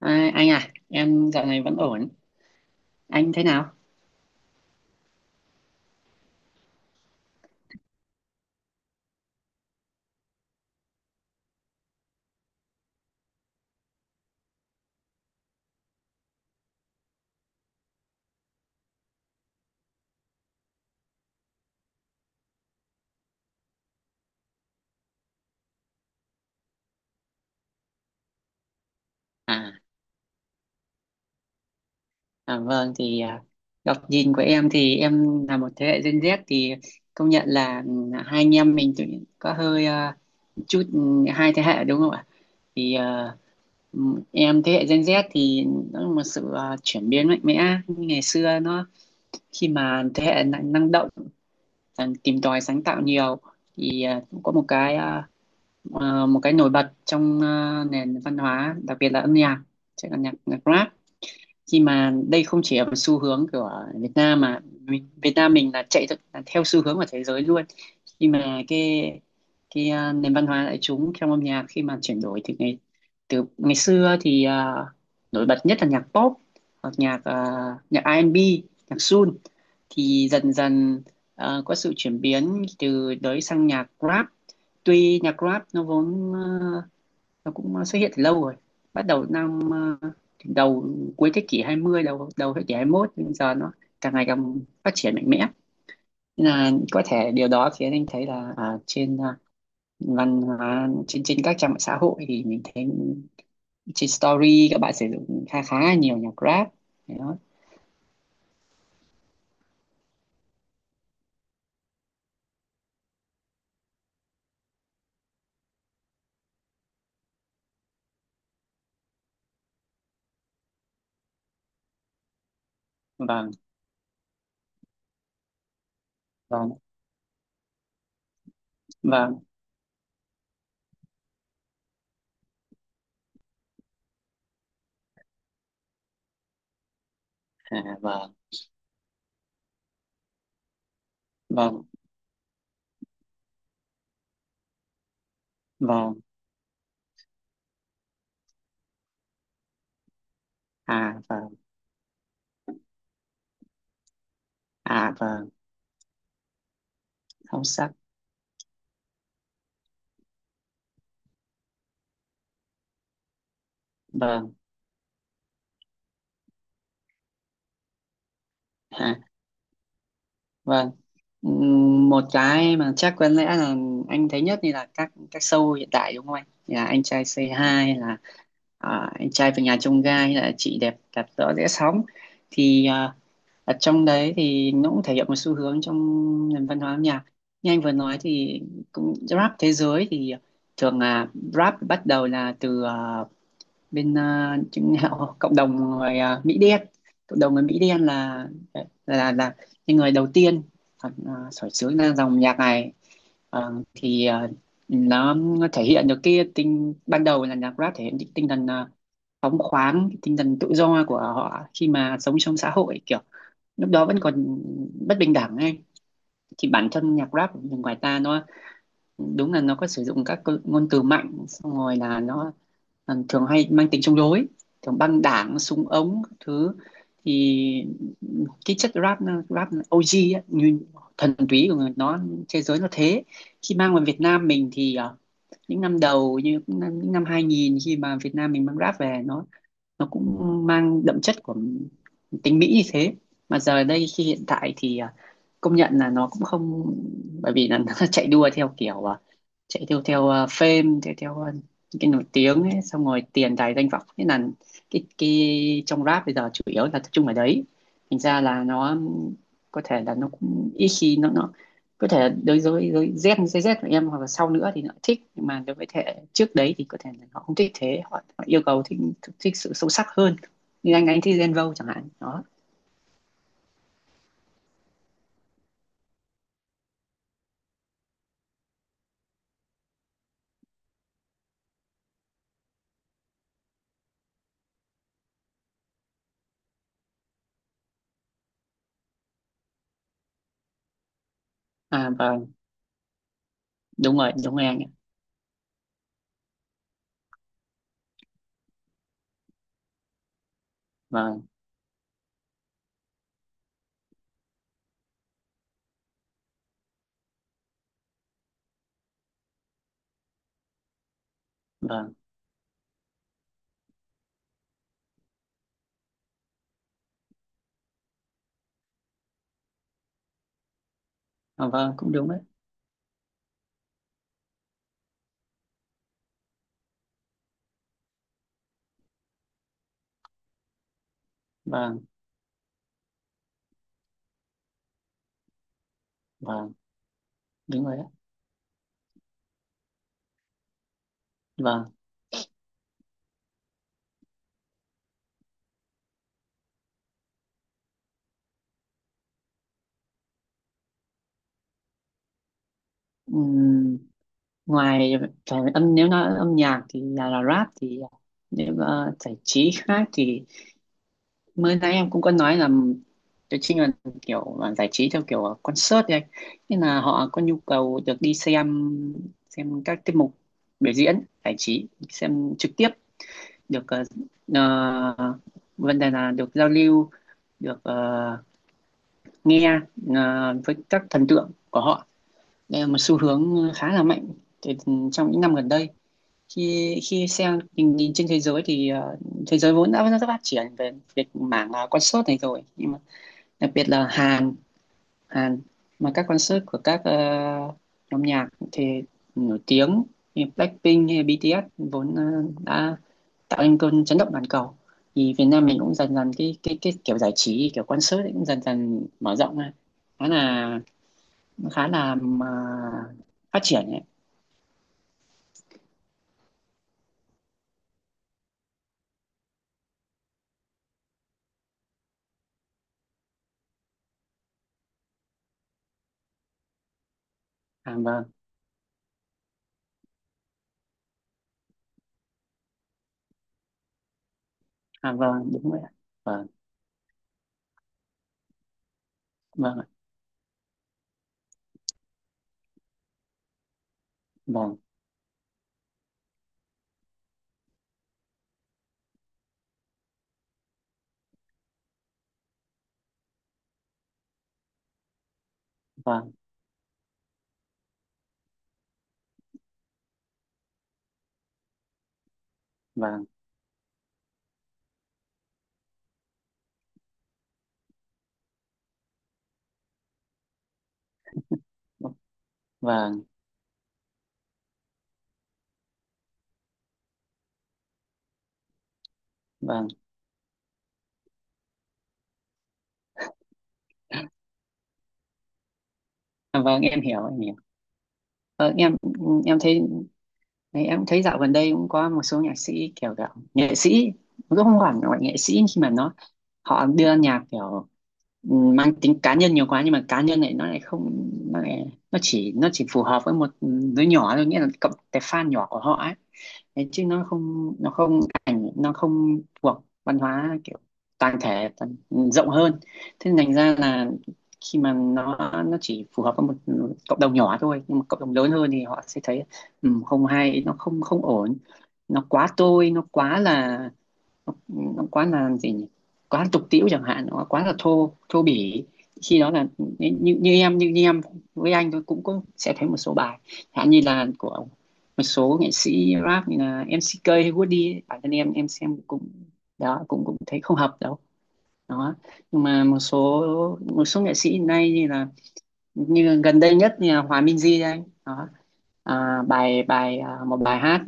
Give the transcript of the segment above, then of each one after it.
Anh à, em dạo này vẫn ổn. Anh thế nào? À, à vâng thì à, Góc nhìn của em thì em là một thế hệ Gen Z thì công nhận là hai anh em mình có hơi chút hai thế hệ đúng không ạ? Thì à, ừ, em thế hệ Gen Z thì nó là một sự chuyển biến mạnh mẽ. Như ngày xưa nó khi mà thế hệ năng năng động, tìm tòi sáng tạo nhiều thì cũng có một cái một cái nổi bật trong nền văn hóa, đặc biệt là âm nhạc, chắc là nhạc nhạc rap. Khi mà đây không chỉ là một xu hướng của Việt Nam mà Việt Nam mình là chạy là theo xu hướng của thế giới luôn. Khi mà cái nền văn hóa đại chúng trong âm nhạc khi mà chuyển đổi từ ngày xưa thì nổi bật nhất là nhạc pop hoặc nhạc R&B, nhạc soul, thì dần dần có sự chuyển biến từ đấy sang nhạc rap. Tuy nhạc rap nó vốn nó cũng xuất hiện từ lâu rồi, bắt đầu năm ờ, đầu cuối thế kỷ 20, đầu đầu thế kỷ 21, nhưng giờ nó càng ngày càng phát triển mạnh mẽ. Nên là có thể điều đó khiến anh thấy là văn hóa trên trên các trang mạng xã hội thì mình thấy trên story các bạn sử dụng khá khá là nhiều nhạc rap. Đấy đó. Vâng vâng vâng à, vâng vâng vâng à vâng à vâng Không sắc. Vâng à vâng Một cái mà chắc có lẽ là anh thấy nhất thì là các show hiện tại đúng không anh? Thì là Anh Trai Say Hi hay là Anh Trai về nhà chông Gai hay là Chị Đẹp Đạp rõ rẽ Sóng, thì ở trong đấy thì nó cũng thể hiện một xu hướng trong nền văn hóa âm nhạc. Như anh vừa nói thì cũng rap thế giới thì thường là rap bắt đầu là từ chứng cộng đồng Mỹ đen. Cộng đồng người Mỹ đen là là những người đầu tiên à, khởi xướng ra dòng nhạc này. Ờ, thì ờ, nó thể hiện được cái tinh ban đầu là nhạc rap, thể hiện cái tinh thần phóng khoáng, cái tinh thần tự do của họ khi mà sống trong xã hội kiểu lúc đó vẫn còn bất bình đẳng ấy. Thì bản thân nhạc rap của người ngoài ta nó đúng là nó có sử dụng các ngôn từ mạnh, xong rồi là nó thường hay mang tính chống đối, thường băng đảng, súng ống các thứ. Thì cái chất rap rap OG á, như thần túy của người nó, thế giới nó thế. Khi mang vào Việt Nam mình thì những năm đầu như những năm 2000, khi mà Việt Nam mình mang rap về nó cũng mang đậm chất của tính Mỹ như thế. Mà giờ đây khi hiện tại thì công nhận là nó cũng không, bởi vì là nó chạy đua theo kiểu chạy theo theo fame, theo theo những cái nổi tiếng ấy, xong rồi tiền tài danh vọng, thế là cái trong rap bây giờ chủ yếu là tập trung ở đấy. Thành ra là nó có thể là nó cũng ít khi nó có thể là đối với Gen Z của em hoặc là sau nữa thì nó thích, nhưng mà đối với thế hệ trước đấy thì có thể là họ không thích. Họ yêu cầu thích thích sự sâu sắc hơn, như anh thích Gen Vogue chẳng hạn đó. À vâng, đúng rồi, đúng rồi anh ạ. Vâng, vâng. Vâng, cũng đúng đấy. Vâng. Vâng, đúng rồi đấy. Vâng. Ừm, ngoài phải âm nếu nói âm nhạc thì là rap thì nếu mà giải trí khác thì mới nãy em cũng có nói là tôi chính là kiểu là giải trí theo kiểu concert ấy. Nên là họ có nhu cầu được đi xem các tiết mục biểu diễn giải trí, xem trực tiếp được ờ, vấn đề là được giao lưu, được nghe với các thần tượng của họ. Đây là một xu hướng khá là mạnh từ trong những năm gần đây. Khi khi xem tình nhìn trên thế giới thì thế giới vốn đã rất phát triển về việc mảng concert này rồi, nhưng mà đặc biệt là Hàn Hàn, mà các concert của nhóm nhạc thì nổi tiếng như Blackpink hay BTS vốn đã tạo nên cơn chấn động toàn cầu, thì Việt Nam mình cũng dần dần cái kiểu giải trí kiểu concert ấy cũng dần dần mở rộng ra, khá là khá là mà phát triển ấy. À, vâng vâng, đúng rồi ạ. Vâng. Vâng ạ. Vâng vâng vâng vâng vâng À, vâng, em hiểu, em hiểu. ờ, em em thấy, em thấy dạo gần đây cũng có một số nhạc sĩ kiểu kiểu nghệ sĩ, cũng không hẳn gọi nghệ sĩ, nhưng mà nó họ đưa nhạc kiểu mang tính cá nhân nhiều quá, nhưng mà cá nhân này nó lại không, nó chỉ, phù hợp với một đứa nhỏ thôi, nghĩa là cộng cái fan nhỏ của họ ấy. Thế chứ nó không, nó không ảnh nó không thuộc văn hóa kiểu toàn thể, rộng hơn. Thế nên thành ra là khi mà nó chỉ phù hợp với một cộng đồng nhỏ thôi, nhưng mà cộng đồng lớn hơn thì họ sẽ thấy không hay, nó không không ổn, nó quá tôi nó quá là nó quá là gì nhỉ, quá tục tĩu chẳng hạn, nó quá là thô thô bỉ. Khi đó là như em với anh tôi cũng có sẽ thấy một số bài chẳng hạn như là của một số nghệ sĩ rap như là MCK hay Woody ấy, bản thân em xem cũng đó, cũng cũng thấy không hợp đâu đó. Nhưng mà một số nghệ sĩ hiện nay như là như gần đây nhất như là Hòa Minzy đây đó. À, bài Bài một bài hát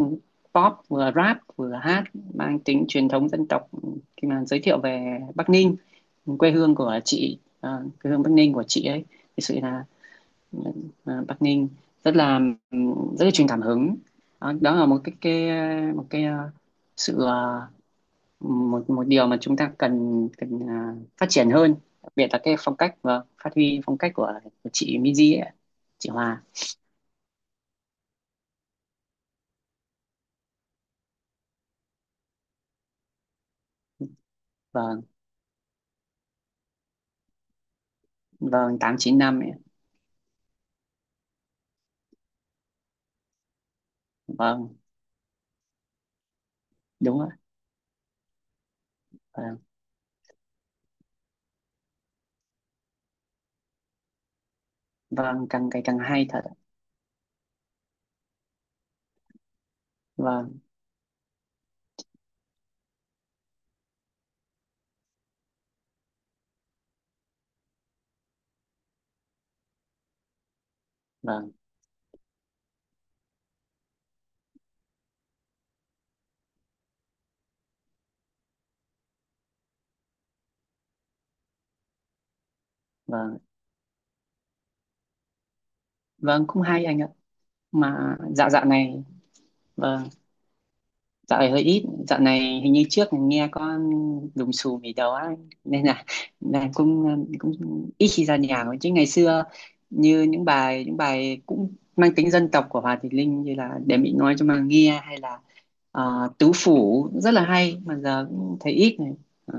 pop, vừa rap vừa hát, mang tính truyền thống dân tộc, khi mà giới thiệu về Bắc Ninh, quê hương của quê hương Bắc Ninh của chị ấy. Thực sự là ừ, Bắc Ninh rất là ừ, rất là truyền cảm hứng. Đó, đó là cái một cái à, sự một một điều mà chúng ta cần cần à, phát triển hơn, đặc biệt là cái phong cách và phát huy phong cách của chị Miji ấy, chị Hòa. Vâng. Vâng, tám chín năm. Vâng, đúng rồi. Vâng. Vâng, càng ngày càng hay thật ạ. Vâng. Vâng. Vâng. Vâng, cũng hay anh ạ. Mà dạo dạo này. Vâng, dạo này hơi ít, dạo này hình như trước nghe con đùng xù mì đầu á, nên là cũng cũng ít khi ra nhà thôi, chứ ngày xưa như những bài cũng mang tính dân tộc của Hòa Thị Linh như là Để mình nói Cho Mà Nghe hay là Tứ Phủ rất là hay, mà giờ cũng thấy ít này. Đó.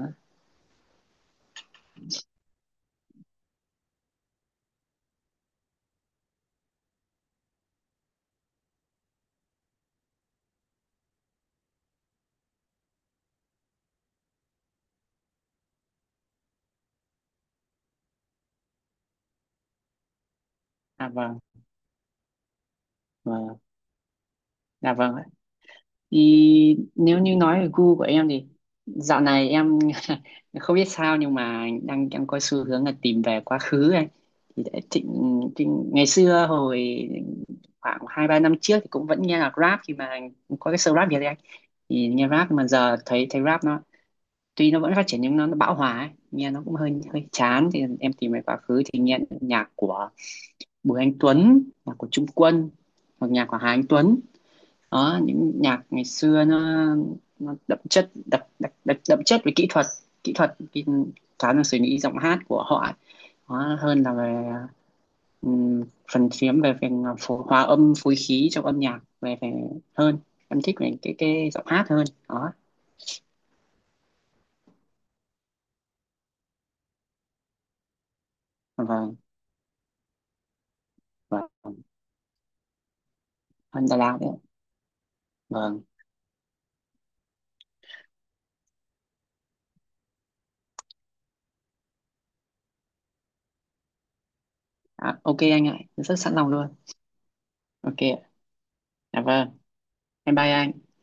À vâng. Vâng. À vâng. Thì nếu như nói về gu của em thì dạo này em không biết sao nhưng mà đang đang có xu hướng là tìm về quá khứ ấy. Thì đã thịnh, thịnh, Ngày xưa hồi khoảng 2 3 năm trước thì cũng vẫn nghe nhạc rap khi mà có cái show Rap Việt ấy anh. Thì nghe rap mà giờ thấy thấy rap nó tuy nó vẫn phát triển nhưng nó bão hòa ấy. Nghe nó cũng hơi hơi chán, thì em tìm về quá khứ thì nghe nhạc của Bùi Anh Tuấn, nhạc của Trung Quân hoặc nhạc của Hà Anh Tuấn. Đó, những nhạc ngày xưa nó đậm chất đậm chất về kỹ thuật, kỹ thuật cái khá là suy nghĩ giọng hát của họ đó, hơn là về ừm, phần chiếm về phần phổ, hòa âm phối khí trong âm nhạc về về hơn. Em thích về cái giọng hát hơn đó. Vâng. Vâng, hơn Đà Lạt đấy. Vâng. À, ok anh ạ, em rất sẵn lòng luôn. Ok ạ. Dạ vâng, em bye anh.